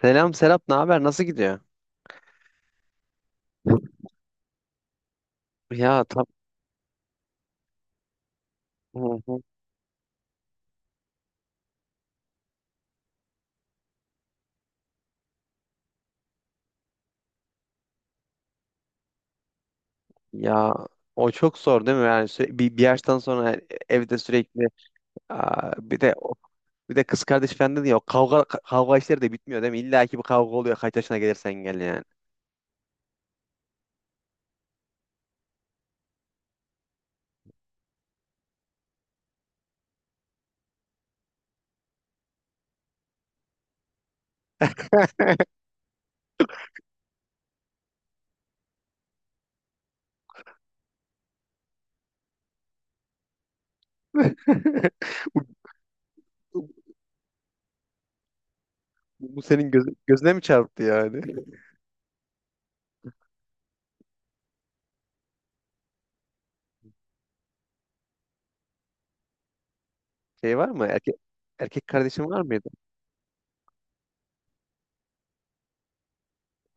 Selam Serap, ne haber? Nasıl gidiyor? Ya tam. Hı hı. Ya o çok zor değil mi? Yani bir yaştan sonra, yani evde sürekli. Bir de bir de kız kardeş falan dedi ya, o kavga, kavga işleri de bitmiyor değil mi? İlla ki bir kavga oluyor, kaç yaşına gelirsen gel yani. Bu, bu- bu senin gözüne mi çarptı yani? Şey var mı? Erkek kardeşin var mıydı?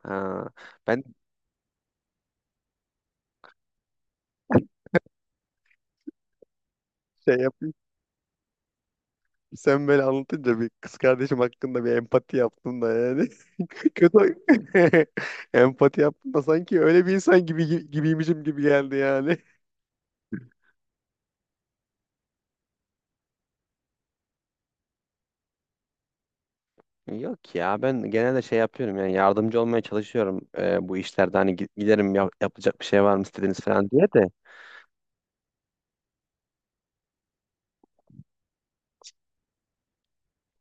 Ha, ben şey yap sen böyle anlatınca bir kız kardeşim hakkında bir empati yaptım da yani. Kötü empati yaptım da sanki öyle bir insan gibi gibiymişim gibi geldi yani. Yok ya, ben genelde şey yapıyorum yani, yardımcı olmaya çalışıyorum, bu işlerde hani giderim, yapılacak bir şey var mı istediğiniz falan diye de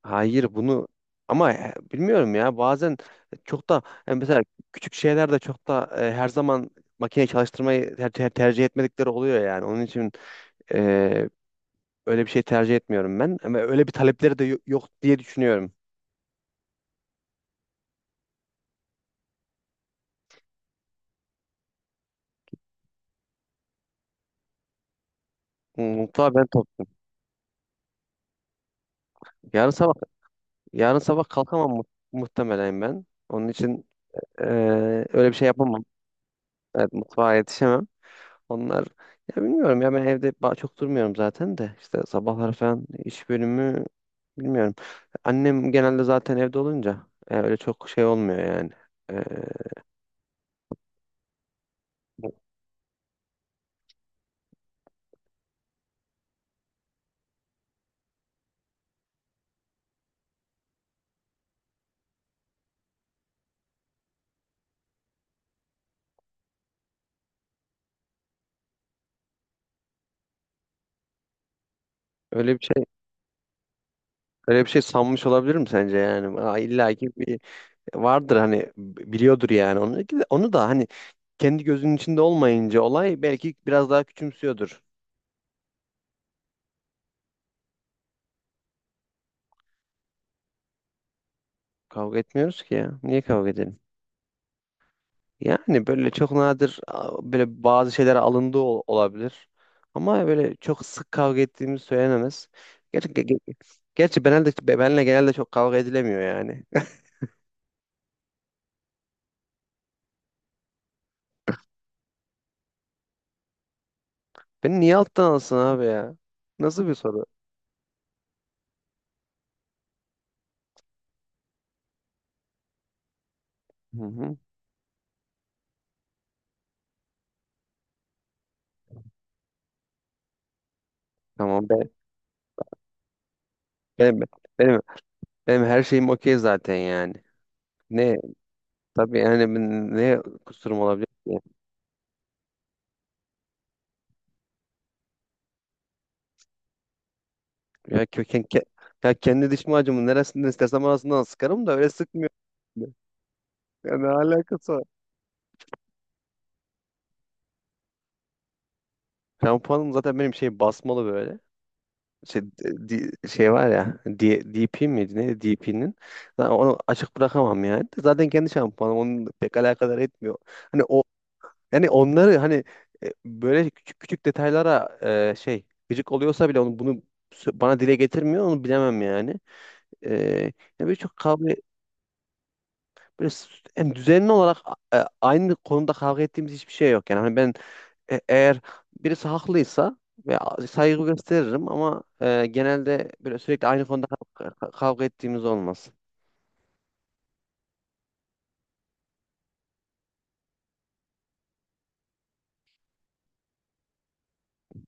hayır bunu, ama bilmiyorum ya, bazen çok da, yani mesela küçük şeyler de çok da her zaman makine çalıştırmayı tercih etmedikleri oluyor, yani onun için öyle bir şey tercih etmiyorum ben. Ama öyle bir talepleri de yok diye düşünüyorum. Mutlaka ben top. Yarın sabah yarın sabah kalkamam muhtemelen ben. Onun için eee, öyle bir şey yapamam. Evet, mutfağa yetişemem. Onlar, ya bilmiyorum ya, ben evde çok durmuyorum zaten de, işte sabahlar falan iş bölümü bilmiyorum. Annem genelde zaten evde olunca öyle çok şey olmuyor yani. Eee, öyle bir şey öyle bir şey sanmış olabilirim sence yani? Aa, illa ki vardır hani, biliyordur yani onu. Onu da hani kendi gözünün içinde olmayınca, olay belki biraz daha küçümsüyordur. Kavga etmiyoruz ki ya. Niye kavga edelim? Yani böyle çok nadir böyle bazı şeyler alındığı olabilir. Ama böyle çok sık kavga ettiğimiz söylenemez. Gerçi, ge- ge- gerçi, benle genelde çok kavga edilemiyor yani. Beni niye alttan alsın abi ya? Nasıl bir soru? Hı hı. Tamam. Ben, benim, benim, benim her şeyim okey zaten yani. Ne. Tabii yani ne kusurum olabilir ki? Ya köken ke- ya kendi diş macunu neresinden istersem arasından sıkarım da, öyle sıkmıyor. Ya ne alakası var? Şampuanım zaten benim şey basmalı böyle. Şey, şey var ya, DP miydi neydi, DP'nin onu açık bırakamam yani, zaten kendi şampuanım onun pek alakadar etmiyor, hani o, yani onları hani böyle küçük küçük detaylara, şey gıcık oluyorsa bile onu bunu bana dile getirmiyor, onu bilemem yani. e, Ya birçok kavga böyle yani düzenli olarak aynı konuda kavga ettiğimiz hiçbir şey yok. Yani hani ben eğer birisi haklıysa ve saygı gösteririm, ama genelde böyle sürekli aynı konuda kavga ettiğimiz olmaz.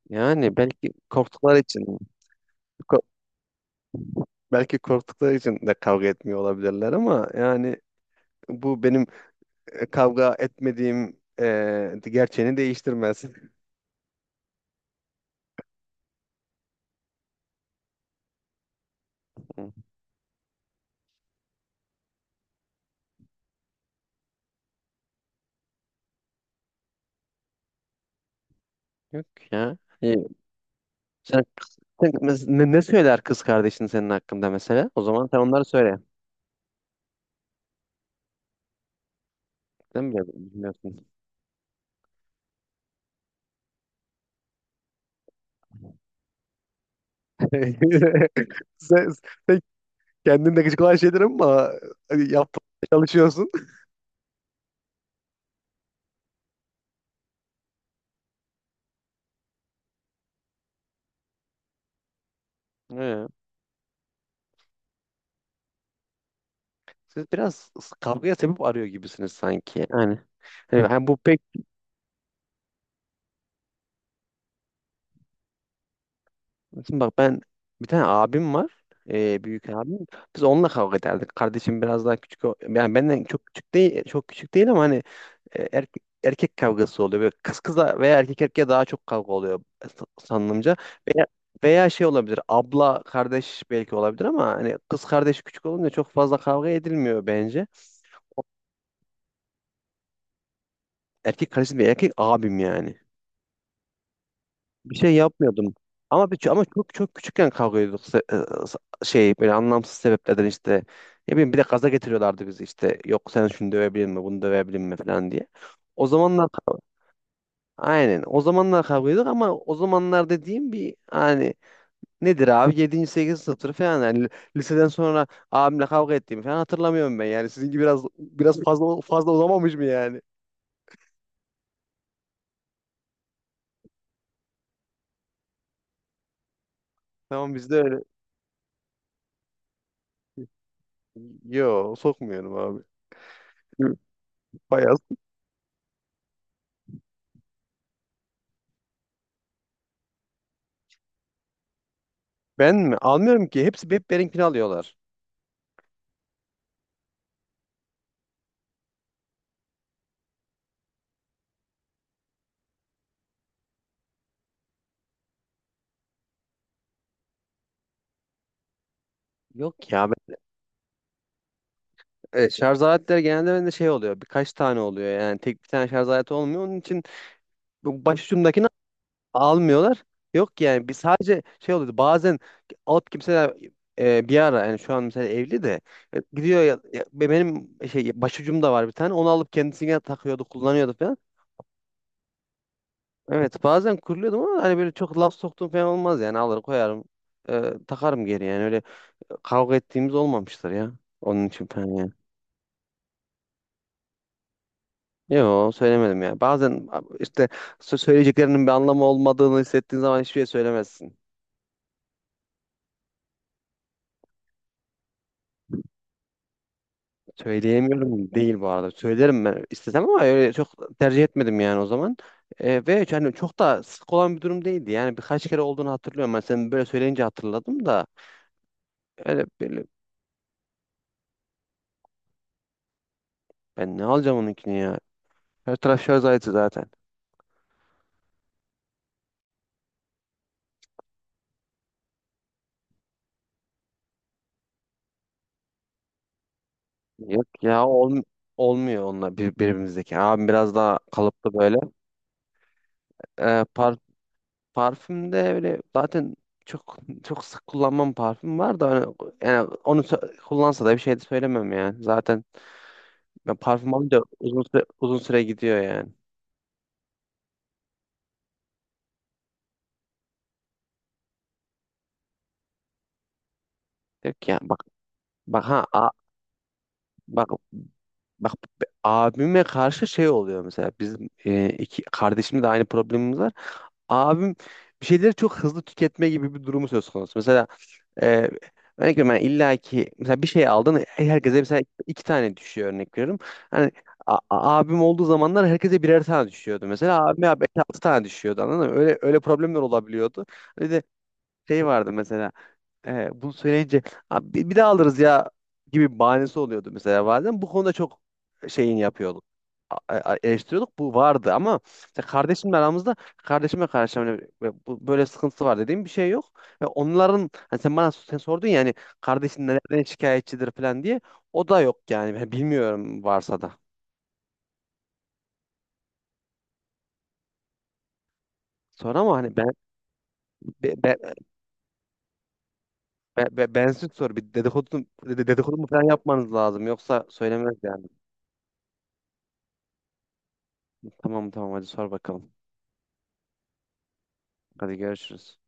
Yani belki korktukları için, ko- belki korktukları için de kavga etmiyor olabilirler, ama yani bu benim kavga etmediğim gerçeğini değiştirmez. Hı. Yok ya. İyi. Sen, sen ne söyler kız kardeşin senin hakkında mesela? O zaman sen onları söyle. Sen bile bilmiyorsun. Sen, sen kendin de gıcık olan şeyler ama hani yapmaya çalışıyorsun. He. Siz biraz kavgaya sebep arıyor gibisiniz sanki. Yani, hani bu pek... Şimdi bak, ben bir tane abim var. Büyük abim. Biz onunla kavga ederdik. Kardeşim biraz daha küçük. Yani benden çok küçük değil, çok küçük değil, ama hani erkek kavgası oluyor. Böyle kız kıza veya erkek erkeğe daha çok kavga oluyor sanılımca. Veya, veya şey olabilir, abla kardeş belki olabilir, ama hani kız kardeş küçük olunca çok fazla kavga edilmiyor bence. Erkek kardeşim değil, erkek abim yani. Bir şey yapmıyordum. Ama ama çok çok küçükken kavga ediyorduk. Sa- Şey, böyle anlamsız sebeplerden işte, ne bileyim, bir de gaza getiriyorlardı bizi işte, yok sen şunu dövebilir mi bunu dövebilir mi falan diye. O zamanlar, aynen. O zamanlar kavga ediyorduk, ama o zamanlar dediğim bir hani, nedir abi, yedinci sekizinci sınıftır falan yani, liseden sonra abimle kavga ettiğimi falan hatırlamıyorum ben. Yani sizinki biraz fazla uzamamış mı yani? Tamam, bizde öyle. Yo, sokmuyorum abi. Bayağı. Ben mi? Almıyorum ki. Hepsi hep benimkini alıyorlar. Yok ya. Evet, şarj aletleri genelde bende şey oluyor. Birkaç tane oluyor yani. Tek bir tane şarj aleti olmuyor. Onun için bu başucumdakini almıyorlar. Yok yani, biz sadece şey oluyordu bazen, alıp kimseler, bir ara yani şu an mesela evli de, gidiyor ya, benim şey başucum da var bir tane, onu alıp kendisine takıyordu kullanıyordu falan. Evet bazen kuruluyordum, ama hani böyle çok laf soktuğum falan olmaz yani, alır koyarım, e, takarım geri yani, öyle kavga ettiğimiz olmamıştır ya, onun için falan yani. Yok söylemedim ya. Bazen işte söyleyeceklerinin bir anlamı olmadığını hissettiğin zaman hiçbir şey söylemezsin. Söyleyemiyorum değil bu arada. Söylerim ben istesem, ama öyle çok tercih etmedim yani o zaman. Ve yani çok da sık olan bir durum değildi. Yani birkaç kere olduğunu hatırlıyorum. Ben, sen böyle söyleyince hatırladım da öyle böyle, ben ne alacağım onunkini ya. Her taraf şarj aleti zaten. Yok ya, olmuyor onunla, birbirimizdeki. Abim biraz daha kalıplı böyle. E, par, Parfümde öyle zaten, çok çok sık kullanmam, parfüm var da hani- yani onu kullansa da bir şey de söylemem yani. Zaten ben parfüm alınca uzun süre, uzun süre gidiyor yani. Diyor ki ya bak, bak ha a- bak bak, abime karşı şey oluyor mesela, bizim iki kardeşimle de aynı problemimiz var. Abim bir şeyleri çok hızlı tüketme gibi bir durumu söz konusu. Mesela e, örnek veriyorum, ben illa ki mesela bir şey aldın, herkese mesela iki tane düşüyor örnek veriyorum. Hani a- a- abim olduğu zamanlar herkese birer tane düşüyordu. Mesela abime abi altı tane düşüyordu, anladın mı? Öyle öyle problemler olabiliyordu. Bir de şey vardı mesela, bunu söyleyince "Abi bir daha alırız ya" gibi bahanesi oluyordu mesela bazen. Bu konuda çok şeyin yapıyorduk. Eleştiriyorduk. Bu vardı, ama işte kardeşimle aramızda, kardeşime karşı hani böyle böyle sıkıntısı var dediğim bir şey yok. Ve onların hani sen sordun ya hani, kardeşin nereden şikayetçidir falan diye. O da yok yani. Ben bilmiyorum, varsa da. Sonra ama hani be, be, bensiz sor, bir dedikodu mu falan yapmanız lazım, yoksa söylemez yani. Tamam tamam, hadi sor bakalım. Hadi görüşürüz.